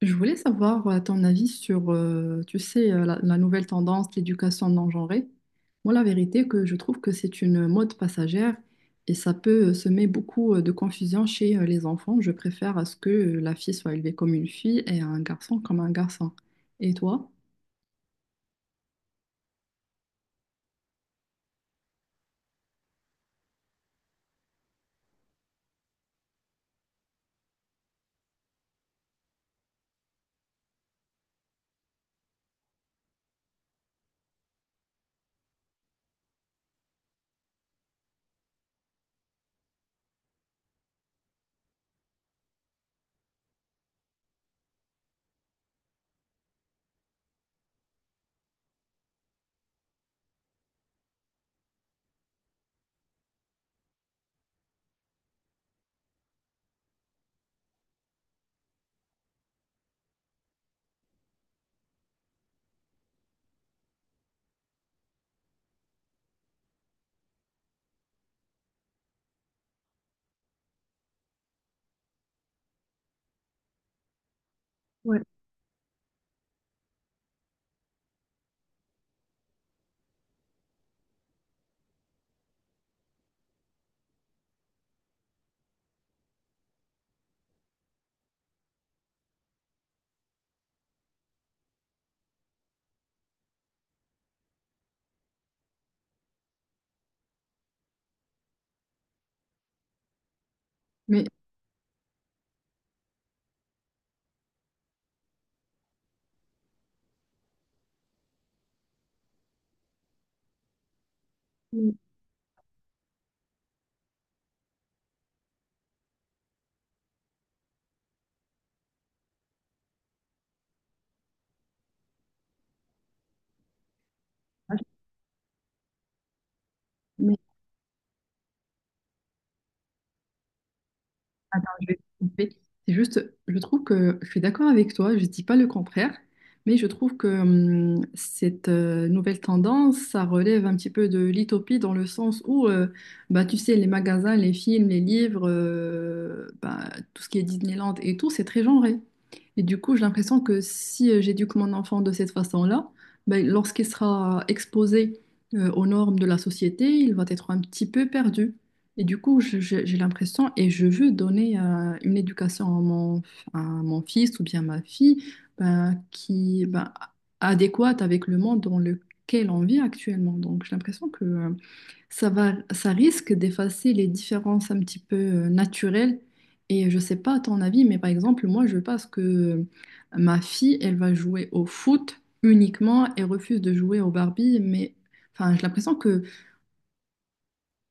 Je voulais savoir ton avis sur, tu sais, la nouvelle tendance, l'éducation non genrée. Moi, la vérité, que je trouve que c'est une mode passagère et ça peut semer beaucoup de confusion chez les enfants. Je préfère à ce que la fille soit élevée comme une fille et un garçon comme un garçon. Et toi? Ouais. Mais, mm. Attends, je vais te couper. C'est juste, je trouve que je suis d'accord avec toi, je ne dis pas le contraire, mais je trouve que cette nouvelle tendance, ça relève un petit peu de l'utopie dans le sens où, bah, tu sais, les magasins, les films, les livres, bah, tout ce qui est Disneyland et tout, c'est très genré. Et du coup, j'ai l'impression que si j'éduque mon enfant de cette façon-là, ben, lorsqu'il sera exposé aux normes de la société, il va être un petit peu perdu. Et du coup, j'ai l'impression, et je veux donner une éducation à mon fils ou bien ma fille, ben, adéquate avec le monde dans lequel on vit actuellement. Donc, j'ai l'impression que ça va, ça risque d'effacer les différences un petit peu naturelles. Et je sais pas à ton avis, mais par exemple, moi, je pense que ma fille, elle va jouer au foot uniquement et refuse de jouer au Barbie. Mais enfin, j'ai l'impression que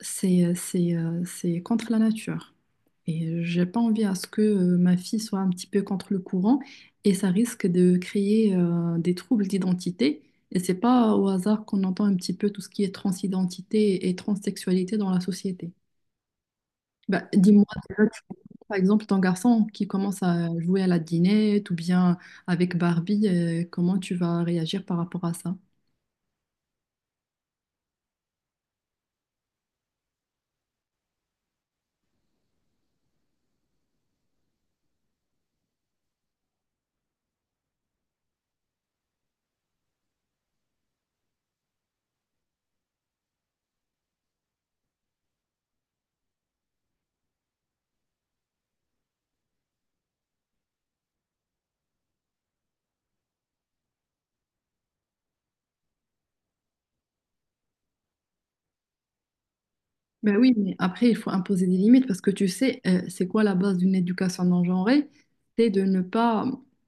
c'est contre la nature. Et j'ai pas envie à ce que ma fille soit un petit peu contre le courant et ça risque de créer des troubles d'identité. Et c'est pas au hasard qu'on entend un petit peu tout ce qui est transidentité et transsexualité dans la société. Bah, dis-moi, déjà, par exemple, ton garçon qui commence à jouer à la dinette ou bien avec Barbie, comment tu vas réagir par rapport à ça? Ben oui, mais après, il faut imposer des limites parce que tu sais, c'est quoi la base d'une éducation non genrée? C'est de ne pas.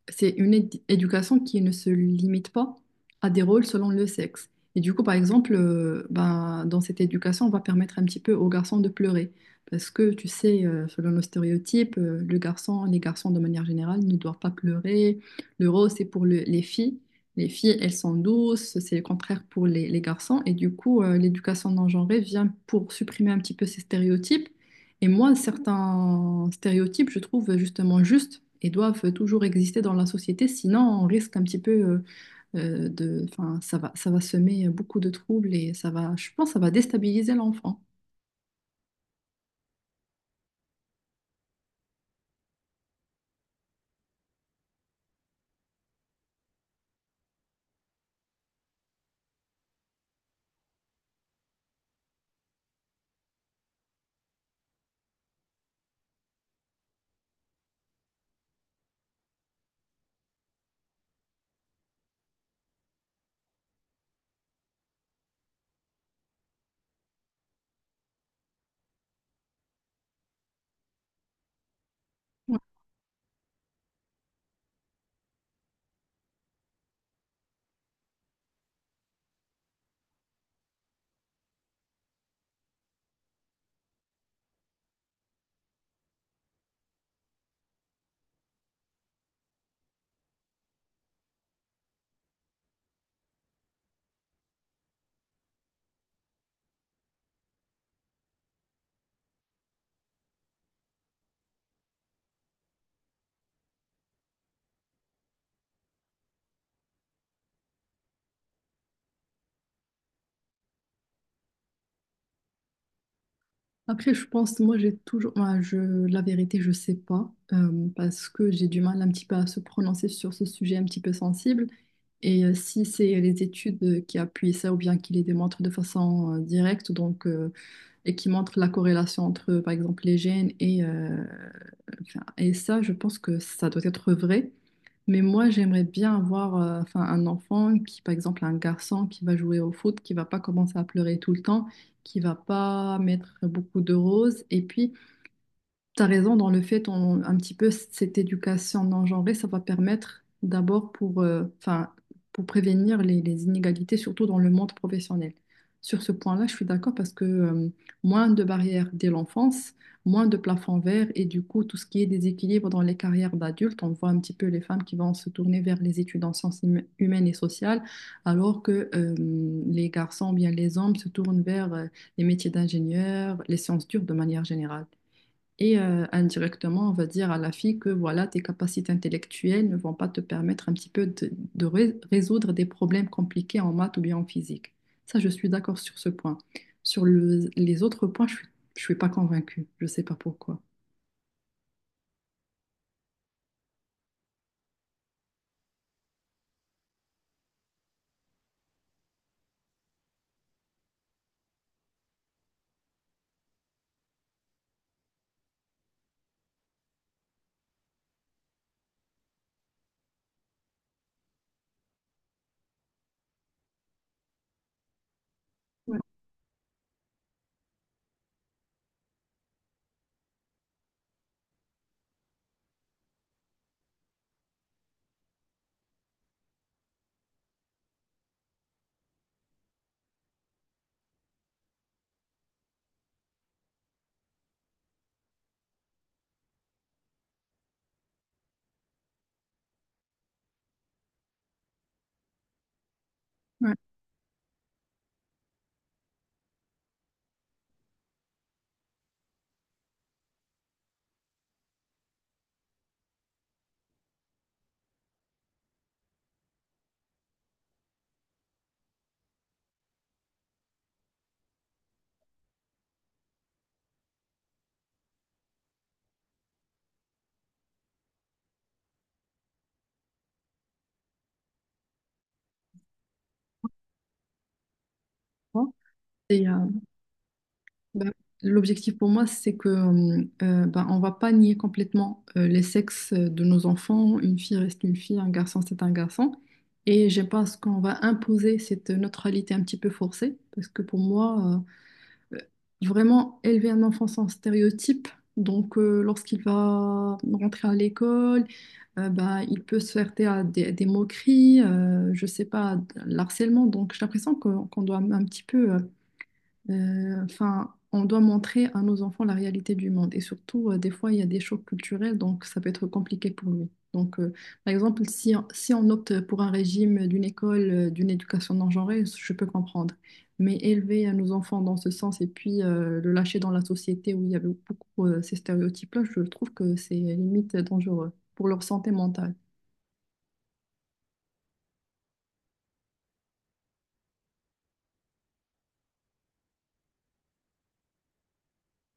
C'est une éducation qui ne se limite pas à des rôles selon le sexe. Et du coup, par exemple, ben, dans cette éducation, on va permettre un petit peu aux garçons de pleurer. Parce que tu sais, selon nos stéréotypes, les garçons de manière générale ne doivent pas pleurer. Le rose, c'est pour les filles. Les filles, elles sont douces, c'est le contraire pour les garçons. Et du coup, l'éducation non genrée vient pour supprimer un petit peu ces stéréotypes. Et moi, certains stéréotypes, je trouve justement justes et doivent toujours exister dans la société. Sinon, on risque un petit peu de... Enfin, ça va semer beaucoup de troubles et ça va, je pense, que ça va déstabiliser l'enfant. Ouais. Après, je pense, moi, j'ai toujours... moi, je... la vérité, je sais pas, parce que j'ai du mal un petit peu à se prononcer sur ce sujet un petit peu sensible. Et si c'est les études qui appuient ça ou bien qui les démontrent de façon directe, donc, et qui montrent la corrélation entre, par exemple, les gènes enfin, et ça, je pense que ça doit être vrai. Mais moi, j'aimerais bien avoir enfin, un enfant qui, par exemple, un garçon qui va jouer au foot, qui va pas commencer à pleurer tout le temps, qui va pas mettre beaucoup de roses. Et puis, t'as raison dans le fait, on, un petit peu cette éducation non genrée, ça va permettre d'abord pour, enfin, pour prévenir les inégalités, surtout dans le monde professionnel. Sur ce point-là, je suis d'accord parce que moins de barrières dès l'enfance, moins de plafonds verts et du coup tout ce qui est déséquilibre dans les carrières d'adultes, on voit un petit peu les femmes qui vont se tourner vers les études en sciences humaines et sociales, alors que les garçons, bien les hommes, se tournent vers les métiers d'ingénieur, les sciences dures de manière générale. Et indirectement, on va dire à la fille que voilà, tes capacités intellectuelles ne vont pas te permettre un petit peu de résoudre des problèmes compliqués en maths ou bien en physique. Ça, je suis d'accord sur ce point. Sur les autres points, je suis pas convaincue. Je ne sais pas pourquoi. Ouais. Bon. Et, ben, l'objectif pour moi, c'est que ben, on va pas nier complètement les sexes de nos enfants. Une fille reste une fille, un garçon c'est un garçon. Et je pense qu'on va imposer cette neutralité un petit peu forcée, parce que pour moi, vraiment élever un enfant sans stéréotype, donc lorsqu'il va rentrer à l'école, ben, il peut se heurter à des moqueries, je sais pas, à l'harcèlement. Donc j'ai l'impression qu'on doit un petit peu enfin, on doit montrer à nos enfants la réalité du monde. Et surtout, des fois, il y a des chocs culturels, donc ça peut être compliqué pour lui. Donc, par exemple, si on opte pour un régime d'une école, d'une éducation non genrée, je peux comprendre. Mais élever à nos enfants dans ce sens et puis le lâcher dans la société où il y avait beaucoup ces stéréotypes-là, je trouve que c'est limite dangereux pour leur santé mentale.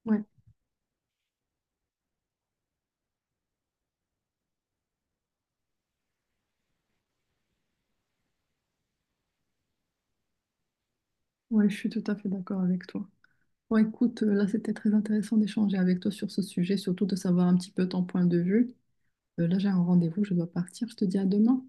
Ouais, ouais, je suis tout à fait d'accord avec toi. Bon, écoute, là, c'était très intéressant d'échanger avec toi sur ce sujet, surtout de savoir un petit peu ton point de vue. Là, j'ai un rendez-vous, je dois partir. Je te dis à demain.